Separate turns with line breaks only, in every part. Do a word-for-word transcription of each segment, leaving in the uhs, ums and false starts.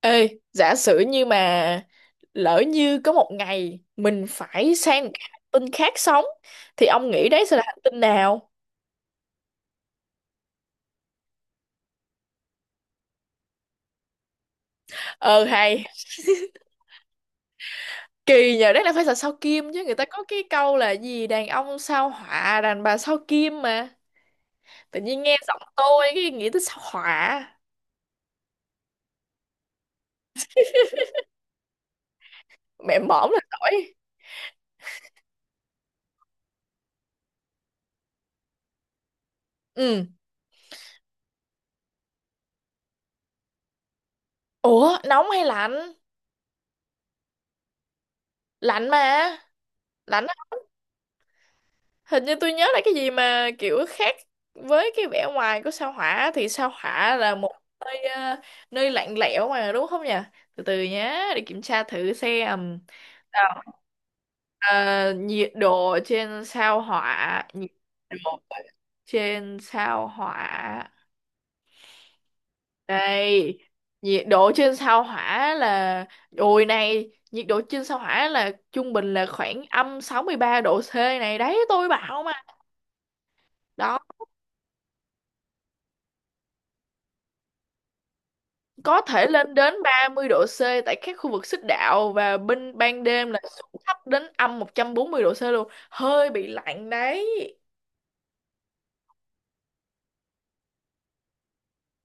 Ê, giả sử như mà lỡ như có một ngày mình phải sang một cái hành tinh khác sống thì ông nghĩ đấy sẽ là hành tinh nào? Ờ hay, kỳ nhờ đấy là phải là sao Kim chứ, người ta có cái câu là gì, đàn ông sao hỏa, đàn bà sao Kim mà. Tự nhiên nghe giọng tôi cái nghĩ tới sao hỏa, mẹ mõm là nổi. Ừ. Ủa, nóng hay lạnh? Lạnh mà. Lạnh, hình như tôi nhớ là cái gì mà kiểu khác với cái vẻ ngoài của sao hỏa, thì sao hỏa là một nơi ờ, nơi lạnh lẽo mà đúng không nhỉ? Từ từ nhé, để kiểm tra thử xem. Nào, ờ, nhiệt độ trên sao hỏa, nhiệt độ trên sao hỏa đây. Nhiệt độ trên sao hỏa là, ôi này, nhiệt độ trên sao hỏa là trung bình là khoảng âm sáu mươi ba độ C này, đấy tôi bảo mà. Đó, có thể lên đến ba mươi độ C tại các khu vực xích đạo, và bên ban đêm là xuống thấp đến âm một trăm bốn mươi độ C luôn, hơi bị lạnh đấy.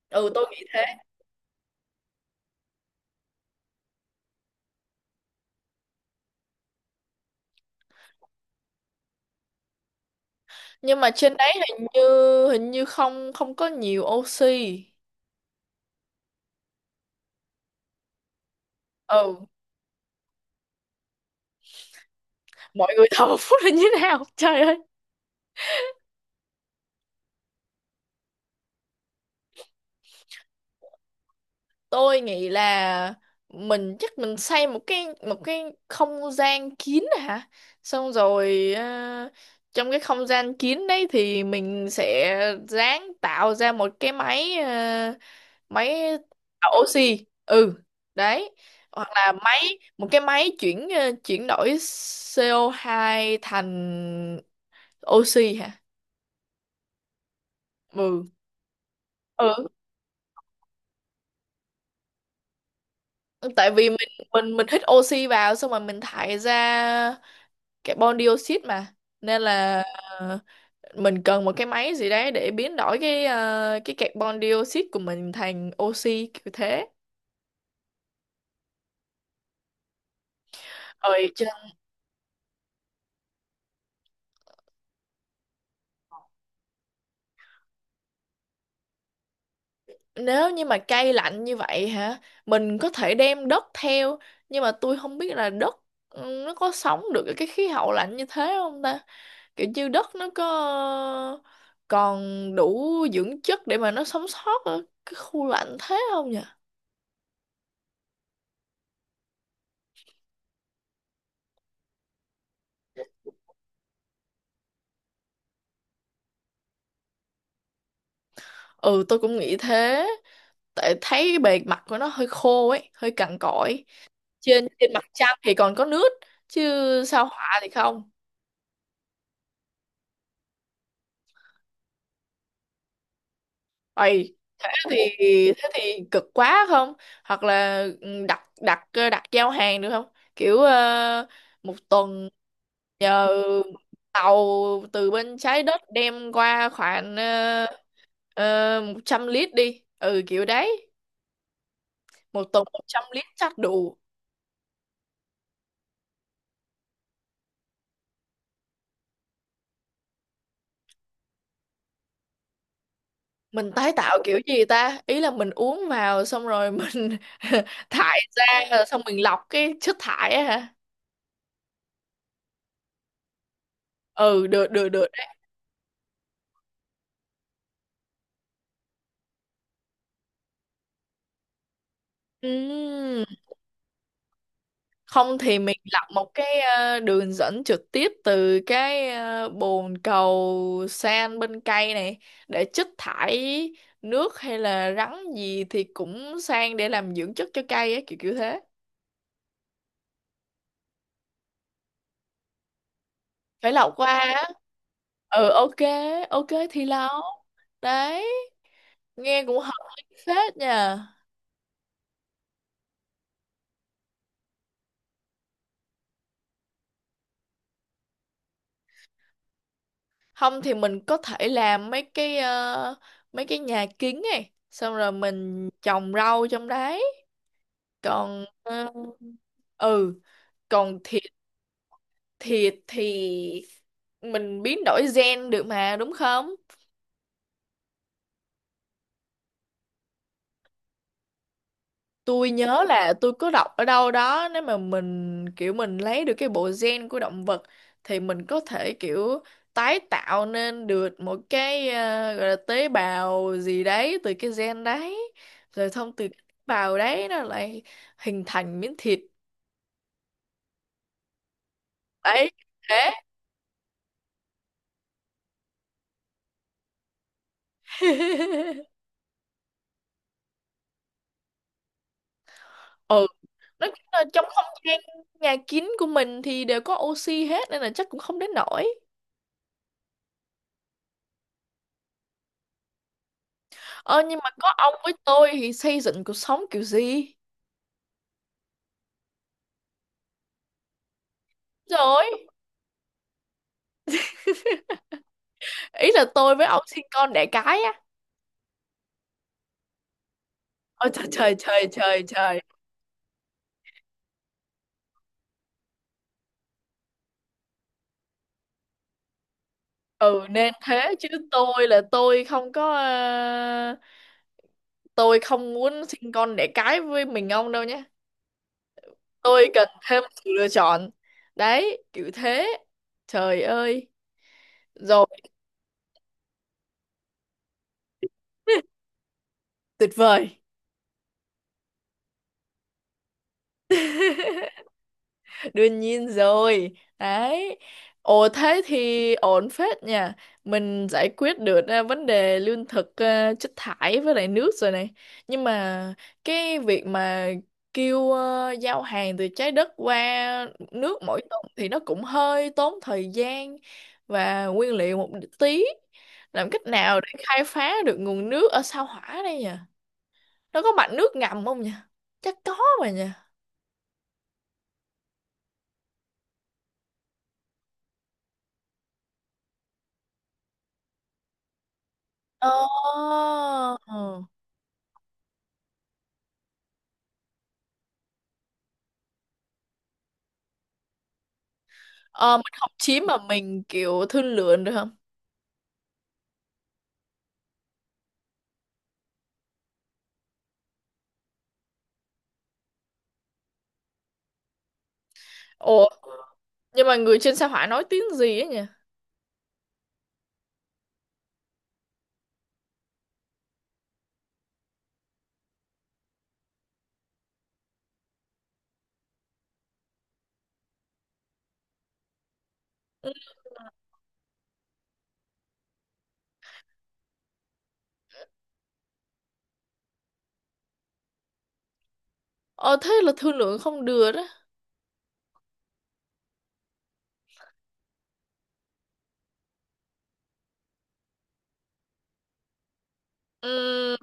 Ừ, tôi nghĩ thế. Nhưng mà trên đấy hình như, hình như không không có nhiều oxy. Ừ, mọi người thở phút là như thế nào? Trời ơi. Tôi nghĩ là mình chắc mình xây một cái một cái không gian kín hả, xong rồi à, trong cái không gian kín đấy thì mình sẽ ráng tạo ra một cái máy, à, máy tạo oxy, ừ, đấy. Hoặc là máy, một cái máy chuyển, à, chuyển đổi xê o hai thành oxy hả? Ừ ừ, tại vì mình, mình mình hít oxy vào xong rồi mình thải ra carbon dioxide mà, nên là ờ, mình cần một cái máy gì đấy để biến đổi cái ờ, cái carbon dioxide của mình thành oxy, kiểu thế. Rồi chứ- nếu như mà cây lạnh như vậy hả, mình có thể đem đất theo. Nhưng mà tôi không biết là đất, ừ, nó có sống được ở cái khí hậu lạnh như thế không ta, kiểu như đất nó có ờ, còn đủ dưỡng chất để mà nó sống sót ở cái khu lạnh thế không nhỉ. Ừ, tôi cũng nghĩ thế, tại thấy bề mặt của nó hơi khô ấy, hơi cằn cỗi. Trên trên mặt trăng thì còn có nước chứ, sao họa thì không. Ây, thế thì, thế thì cực quá không? Hoặc là, ừ, đặt, đặt ờ, đặt giao hàng được không? Kiểu ờ, một tuần nhờ tàu từ bên trái đất đem qua khoảng uh, một trăm lít đi, ừ kiểu đấy, một tuần một trăm lít chắc đủ. Mình tái tạo kiểu gì ta, ý là mình uống vào xong rồi mình thải ra rồi xong mình lọc cái chất thải á hả? Ừ, được được được đấy. Ừm, không thì mình lọc một cái ờ, đường dẫn trực tiếp từ cái ờ, bồn cầu san bên cây này, để chất thải nước hay là rắn gì thì cũng sang để làm dưỡng chất cho cây á, kiểu kiểu thế. Phải lọc qua á? Ừ, ok, ok thì lọc. Đấy, nghe cũng hợp lý phết nha. Không thì mình có thể làm mấy cái ờ, mấy cái nhà kính này xong rồi mình trồng rau trong đấy. Còn ờ, ừ, còn thịt, thịt thì mình biến đổi gen được mà, đúng không? Tôi nhớ là tôi có đọc ở đâu đó, nếu mà mình kiểu mình lấy được cái bộ gen của động vật thì mình có thể kiểu tái tạo nên được một cái ờ, gọi là tế bào gì đấy từ cái gen đấy, rồi thông từ cái tế bào đấy nó lại hình thành miếng thịt ấy thế. Ừ, nó cũng là trong không gian nhà kín của mình thì đều có oxy hết, nên là chắc cũng không đến nổi. Ờ, nhưng mà có ông với tôi thì xây dựng cuộc sống kiểu gì? Rồi, ý là tôi với ông sinh con đẻ cái á? Ôi trời trời trời trời trời. Ừ nên thế chứ, tôi là tôi không có ờ, tôi không muốn sinh con đẻ cái với mình ông đâu nhé. Tôi cần thêm sự lựa chọn, đấy kiểu thế. Trời ơi. Rồi. Tuyệt vời. Đương nhiên rồi. Đấy. Ồ thế thì ổn phết nha. Mình giải quyết được à, vấn đề lương thực, à, chất thải với lại nước rồi này. Nhưng mà cái việc mà kêu à, giao hàng từ trái đất qua nước mỗi tuần thì nó cũng hơi tốn thời gian và nguyên liệu một tí. Làm cách nào để khai phá được nguồn nước ở sao Hỏa đây nhỉ? Nó có mạch nước ngầm không nhỉ? Chắc có mà nhỉ. Ồ. Ờ, mình học chiếm mà mình kiểu thương lượng được không? Ủa, nhưng mà người trên sao hỏa nói tiếng gì á nhỉ? Ừ. Ờ, thế là thương lượng không được đó. Ừm,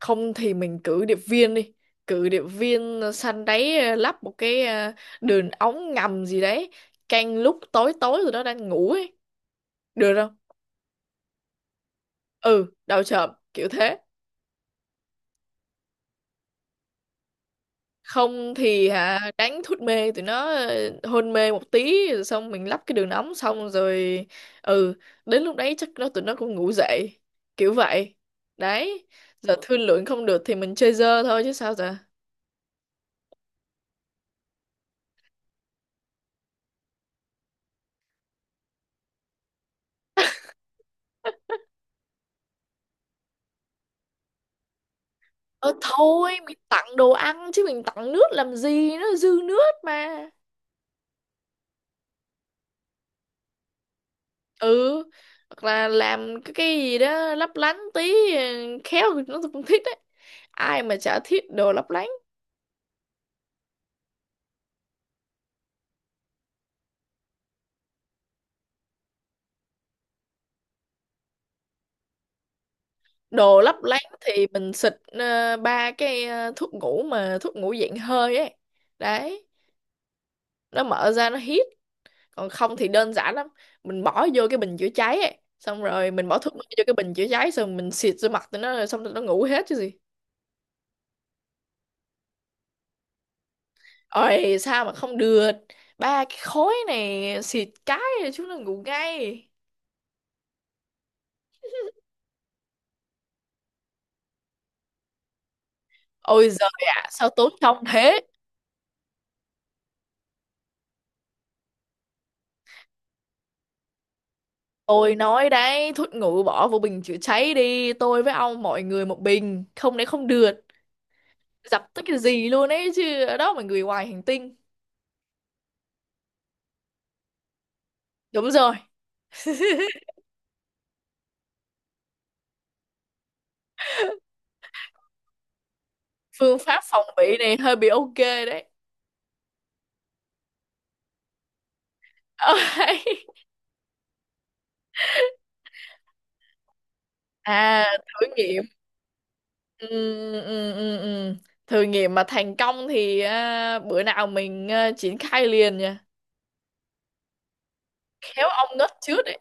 không thì mình cử điệp viên đi. Cử điệp viên ờ, săn đáy, ờ, lắp một cái ờ, đường ống ngầm gì đấy. Canh lúc tối tối rồi đó đang ngủ ấy. Được không? Ừ, đầu chợp kiểu thế. Không thì hả, đánh thuốc mê tụi nó, ờ, hôn mê một tí rồi xong mình lắp cái đường ống xong rồi, ừ, đến lúc đấy chắc nó tụi nó cũng ngủ dậy kiểu vậy. Đấy, giờ thương lượng không được thì mình chơi dơ thôi chứ sao giờ. Ờ thôi mình tặng đồ ăn chứ mình tặng nước làm gì, nó dư nước mà. Ừ, hoặc là làm cái cái gì đó lấp lánh tí, ờ, khéo tụi nó cũng thích đấy, ai mà chả thích đồ lấp lánh. Đồ lấp lánh thì mình xịt ờ, ba cái ờ, thuốc ngủ, mà thuốc ngủ dạng hơi ấy. Đấy, nó mở ra nó hít. Còn không thì đơn giản lắm, mình bỏ vô cái bình chữa cháy ấy, xong rồi mình bỏ thuốc mê vô cái bình chữa cháy, xong mình xịt vô mặt tụi nó rồi xong tụi nó ngủ hết chứ gì. Ôi sao mà không được, ba cái khối này xịt cái là chúng nó ngủ ngay. Ôi giời ạ, sao tốn công thế. Tôi nói đấy, thuốc ngủ bỏ vô bình chữa cháy đi, tôi với ông mọi người một bình, không đấy không được. Dập tắt cái gì luôn ấy chứ, ở đó mà người ngoài hành tinh. Đúng rồi. Phương pháp phòng bị này hơi bị ok đấy. À, thử nghiệm. Ừ, ừ, ừ, ừ. Thử nghiệm mà thành công thì à, bữa nào mình à, triển khai liền nha. Khéo ông ngất trước đấy.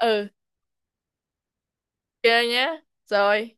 Ừ, ok nhá. Rồi.